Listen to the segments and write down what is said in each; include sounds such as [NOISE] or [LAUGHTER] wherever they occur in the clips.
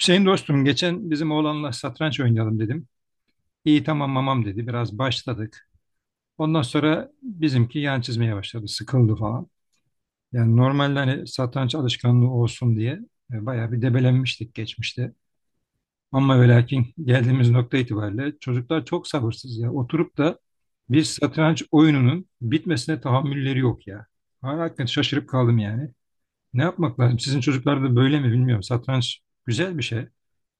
Hüseyin dostum, geçen bizim oğlanla satranç oynayalım dedim. İyi, tamam mamam dedi. Biraz başladık. Ondan sonra bizimki yan çizmeye başladı. Sıkıldı falan. Yani normalde hani satranç alışkanlığı olsun diye bayağı bir debelenmiştik geçmişte. Ama ve lakin geldiğimiz nokta itibariyle çocuklar çok sabırsız ya. Oturup da bir satranç oyununun bitmesine tahammülleri yok ya. Ben hakikaten şaşırıp kaldım yani. Ne yapmak lazım? Sizin çocuklar da böyle mi bilmiyorum. Satranç güzel bir şey.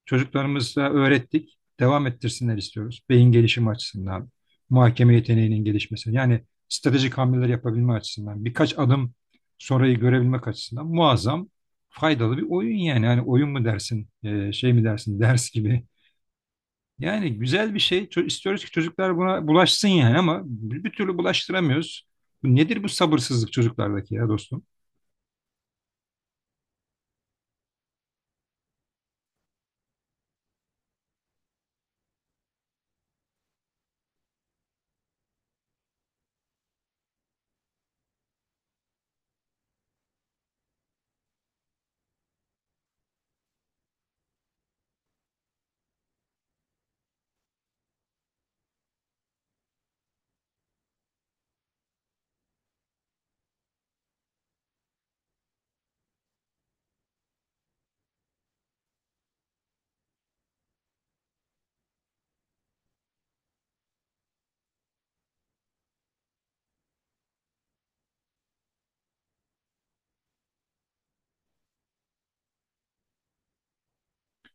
Çocuklarımıza öğrettik, devam ettirsinler istiyoruz. Beyin gelişimi açısından, muhakeme yeteneğinin gelişmesi, yani stratejik hamleler yapabilme açısından, birkaç adım sonrayı görebilmek açısından muazzam faydalı bir oyun yani. Yani oyun mu dersin, şey mi dersin, [LAUGHS] ders gibi. Yani güzel bir şey. İstiyoruz ki çocuklar buna bulaşsın yani ama bir türlü bulaştıramıyoruz. Bu nedir bu sabırsızlık çocuklardaki ya dostum?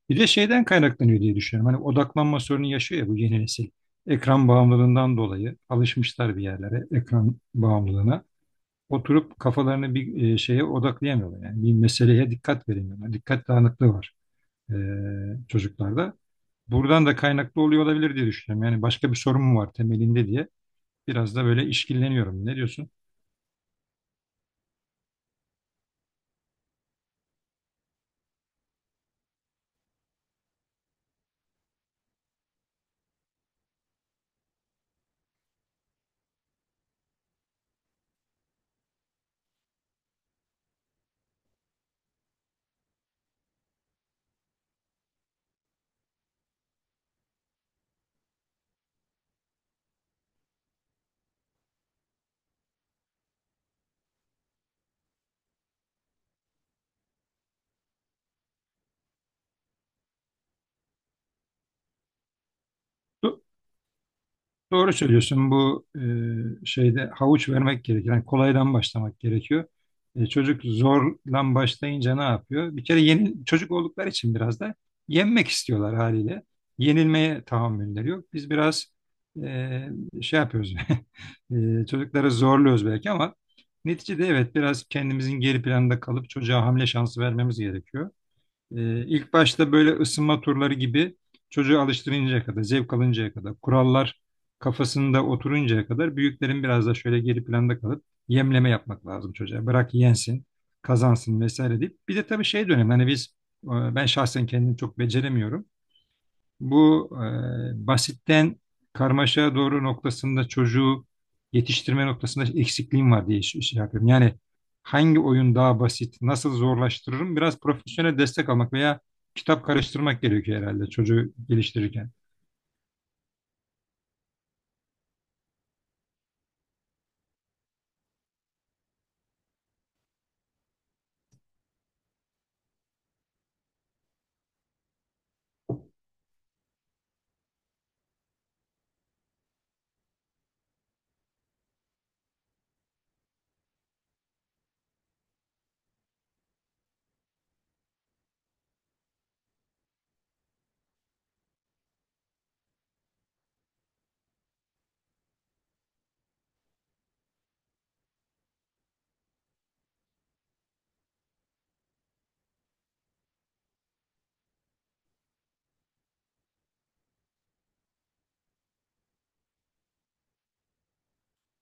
Bir de şeyden kaynaklanıyor diye düşünüyorum. Hani odaklanma sorunu yaşıyor ya bu yeni nesil. Ekran bağımlılığından dolayı alışmışlar bir yerlere, ekran bağımlılığına. Oturup kafalarını bir şeye odaklayamıyorlar. Yani bir meseleye dikkat veremiyorlar. Dikkat dağınıklığı var e, çocuklarda. Buradan da kaynaklı oluyor olabilir diye düşünüyorum. Yani başka bir sorun mu var temelinde diye biraz da böyle işkilleniyorum. Ne diyorsun? Doğru söylüyorsun. Bu şeyde havuç vermek gerekiyor. Yani kolaydan başlamak gerekiyor. E, çocuk zorlan başlayınca ne yapıyor? Bir kere yeni çocuk oldukları için biraz da yenmek istiyorlar haliyle. Yenilmeye tahammülleri yok. Biz biraz e, şey yapıyoruz. [LAUGHS] Çocukları zorluyoruz belki ama neticede evet biraz kendimizin geri planda kalıp çocuğa hamle şansı vermemiz gerekiyor. İlk başta böyle ısınma turları gibi çocuğu alıştırıncaya kadar, zevk alıncaya kadar, kurallar kafasında oturuncaya kadar büyüklerin biraz da şöyle geri planda kalıp yemleme yapmak lazım çocuğa. Bırak yensin, kazansın vesaire deyip. Bir de tabii şey dönem hani biz e, ben şahsen kendim çok beceremiyorum. Bu basitten karmaşaya doğru noktasında çocuğu yetiştirme noktasında eksikliğim var diye şey yapıyorum. Yani hangi oyun daha basit, nasıl zorlaştırırım? Biraz profesyonel destek almak veya kitap karıştırmak gerekiyor herhalde çocuğu geliştirirken.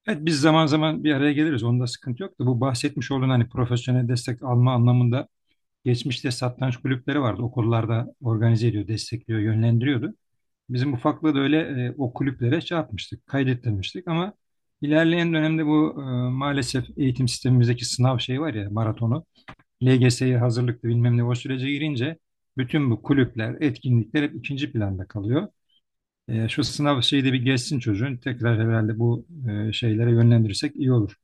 Evet, biz zaman zaman bir araya geliriz. Onda sıkıntı yok da bu bahsetmiş olduğun hani profesyonel destek alma anlamında geçmişte satranç kulüpleri vardı. Okullarda organize ediyor, destekliyor, yönlendiriyordu. Bizim ufaklığı da öyle o kulüplere şey yapmıştık, kaydettirmiştik ama ilerleyen dönemde bu maalesef eğitim sistemimizdeki sınav şeyi var ya, maratonu, LGS'ye hazırlıklı bilmem ne o sürece girince bütün bu kulüpler, etkinlikler hep ikinci planda kalıyor. E, şu sınav şeyi de bir geçsin çocuğun. Tekrar herhalde bu şeylere yönlendirirsek iyi olur.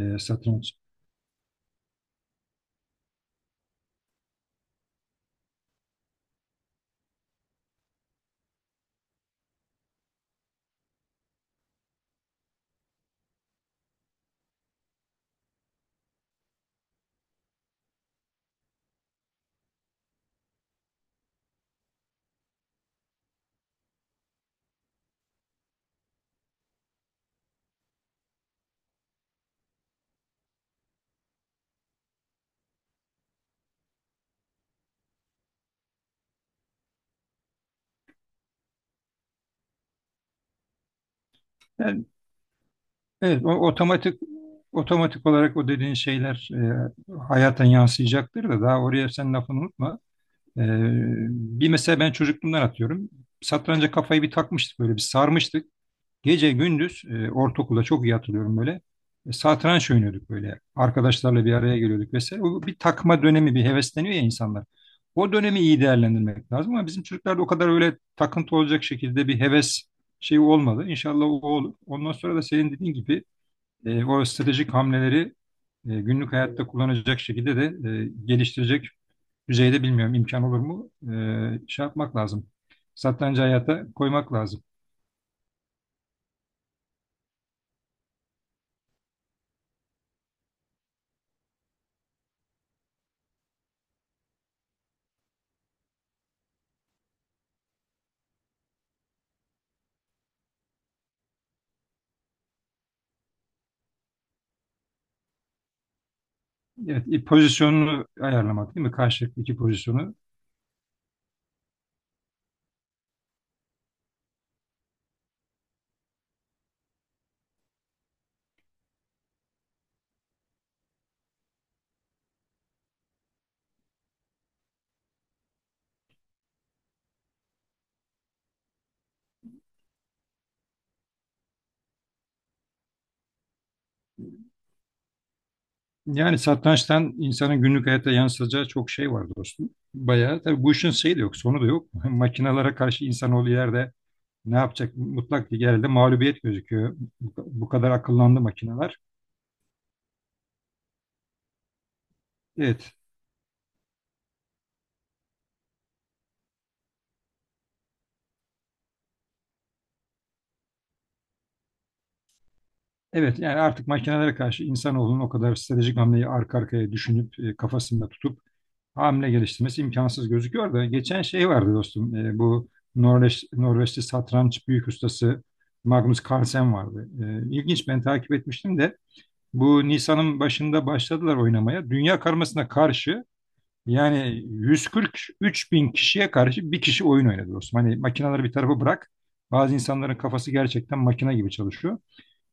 E, satranç. Yani evet, o otomatik olarak o dediğin şeyler hayata yansıyacaktır da daha oraya sen lafını unutma. E, Bir mesela ben çocukluğumdan atıyorum. Satranca kafayı bir takmıştık böyle, bir sarmıştık. Gece gündüz ortaokulda çok iyi hatırlıyorum böyle. E, satranç oynuyorduk böyle. Arkadaşlarla bir araya geliyorduk vesaire. O bir takma dönemi bir hevesleniyor ya insanlar. O dönemi iyi değerlendirmek lazım ama bizim çocuklarda o kadar öyle takıntı olacak şekilde bir heves şeyi olmadı. İnşallah o olur. Ondan sonra da senin dediğin gibi o stratejik hamleleri günlük hayatta kullanacak şekilde de geliştirecek düzeyde bilmiyorum imkan olur mu? E, şey yapmak lazım. Satrancı hayata koymak lazım. Evet, pozisyonunu ayarlamak değil mi? Karşılıklı iki pozisyonu. Yani satrançtan insanın günlük hayata yansıtacağı çok şey var dostum. Bayağı tabii bu işin şeyi de yok, sonu da yok. [LAUGHS] Makinalara karşı insanoğlu yerde ne yapacak? Mutlak bir yerde mağlubiyet gözüküyor. Bu kadar akıllandı makineler. Evet, evet yani artık makinelere karşı insanoğlunun o kadar stratejik hamleyi arka arkaya düşünüp kafasında tutup hamle geliştirmesi imkansız gözüküyor da geçen şey vardı dostum, bu Norveç, Norveçli satranç büyük ustası Magnus Carlsen vardı. E, ilginç, ben takip etmiştim de bu Nisan'ın başında başladılar oynamaya. Dünya karmasına karşı yani 143 bin kişiye karşı bir kişi oyun oynadı dostum. Hani makineleri bir tarafa bırak, bazı insanların kafası gerçekten makine gibi çalışıyor.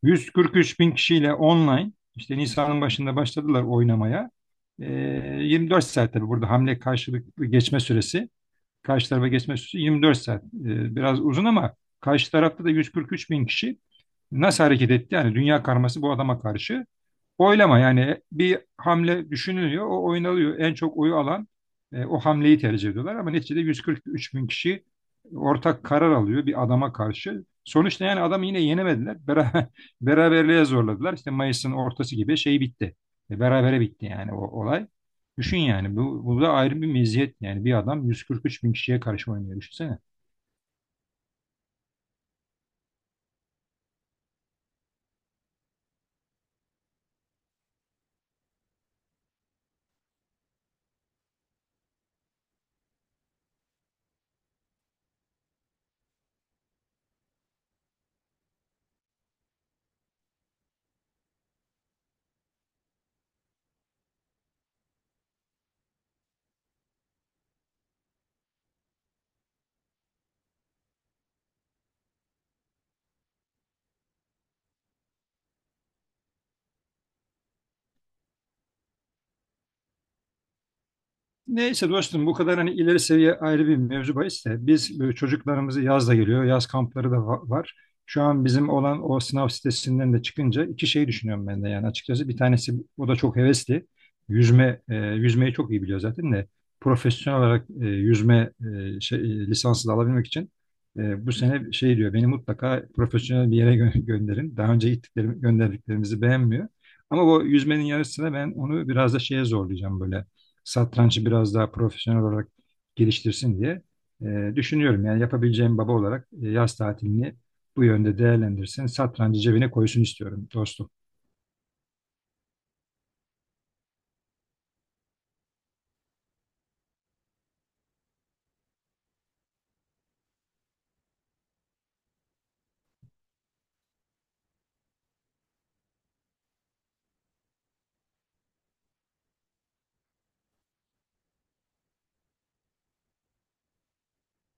143 bin kişiyle online işte Nisan'ın başında başladılar oynamaya. Ee, 24 saat tabii burada hamle karşılıklı geçme süresi, karşı tarafa geçme süresi 24 saat. Biraz uzun ama karşı tarafta da 143 bin kişi nasıl hareket etti? Yani dünya karması bu adama karşı. Oylama yani bir hamle düşünülüyor, o oynalıyor. En çok oyu alan o hamleyi tercih ediyorlar ama neticede 143 bin kişi ortak karar alıyor bir adama karşı. Sonuçta yani adamı yine yenemediler. Beraber, [LAUGHS] beraberliğe zorladılar. İşte Mayıs'ın ortası gibi şey bitti. E, berabere bitti yani o olay. Düşün yani bu, bu da ayrı bir meziyet yani bir adam 143 bin kişiye karşı oynuyor düşünsene. Neyse dostum bu kadar hani ileri seviye ayrı bir mevzu bahis de biz çocuklarımızı yaz da geliyor. Yaz kampları da var. Şu an bizim olan o sınav sitesinden de çıkınca iki şey düşünüyorum ben de yani açıkçası. Bir tanesi o da çok hevesli. Yüzme, yüzmeyi çok iyi biliyor zaten de profesyonel olarak yüzme lisansı da alabilmek için bu sene şey diyor beni mutlaka profesyonel bir yere gönderin. Daha önce gittiklerim, gönderdiklerimizi beğenmiyor. Ama bu yüzmenin yarısına ben onu biraz da şeye zorlayacağım böyle, satrancı biraz daha profesyonel olarak geliştirsin diye düşünüyorum. Yani yapabileceğim baba olarak yaz tatilini bu yönde değerlendirsin. Satrancı cebine koysun istiyorum dostum.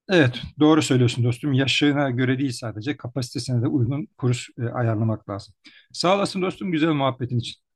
Evet, doğru söylüyorsun dostum. Yaşına göre değil sadece kapasitesine de uygun kurs ayarlamak lazım. Sağ olasın dostum güzel muhabbetin için.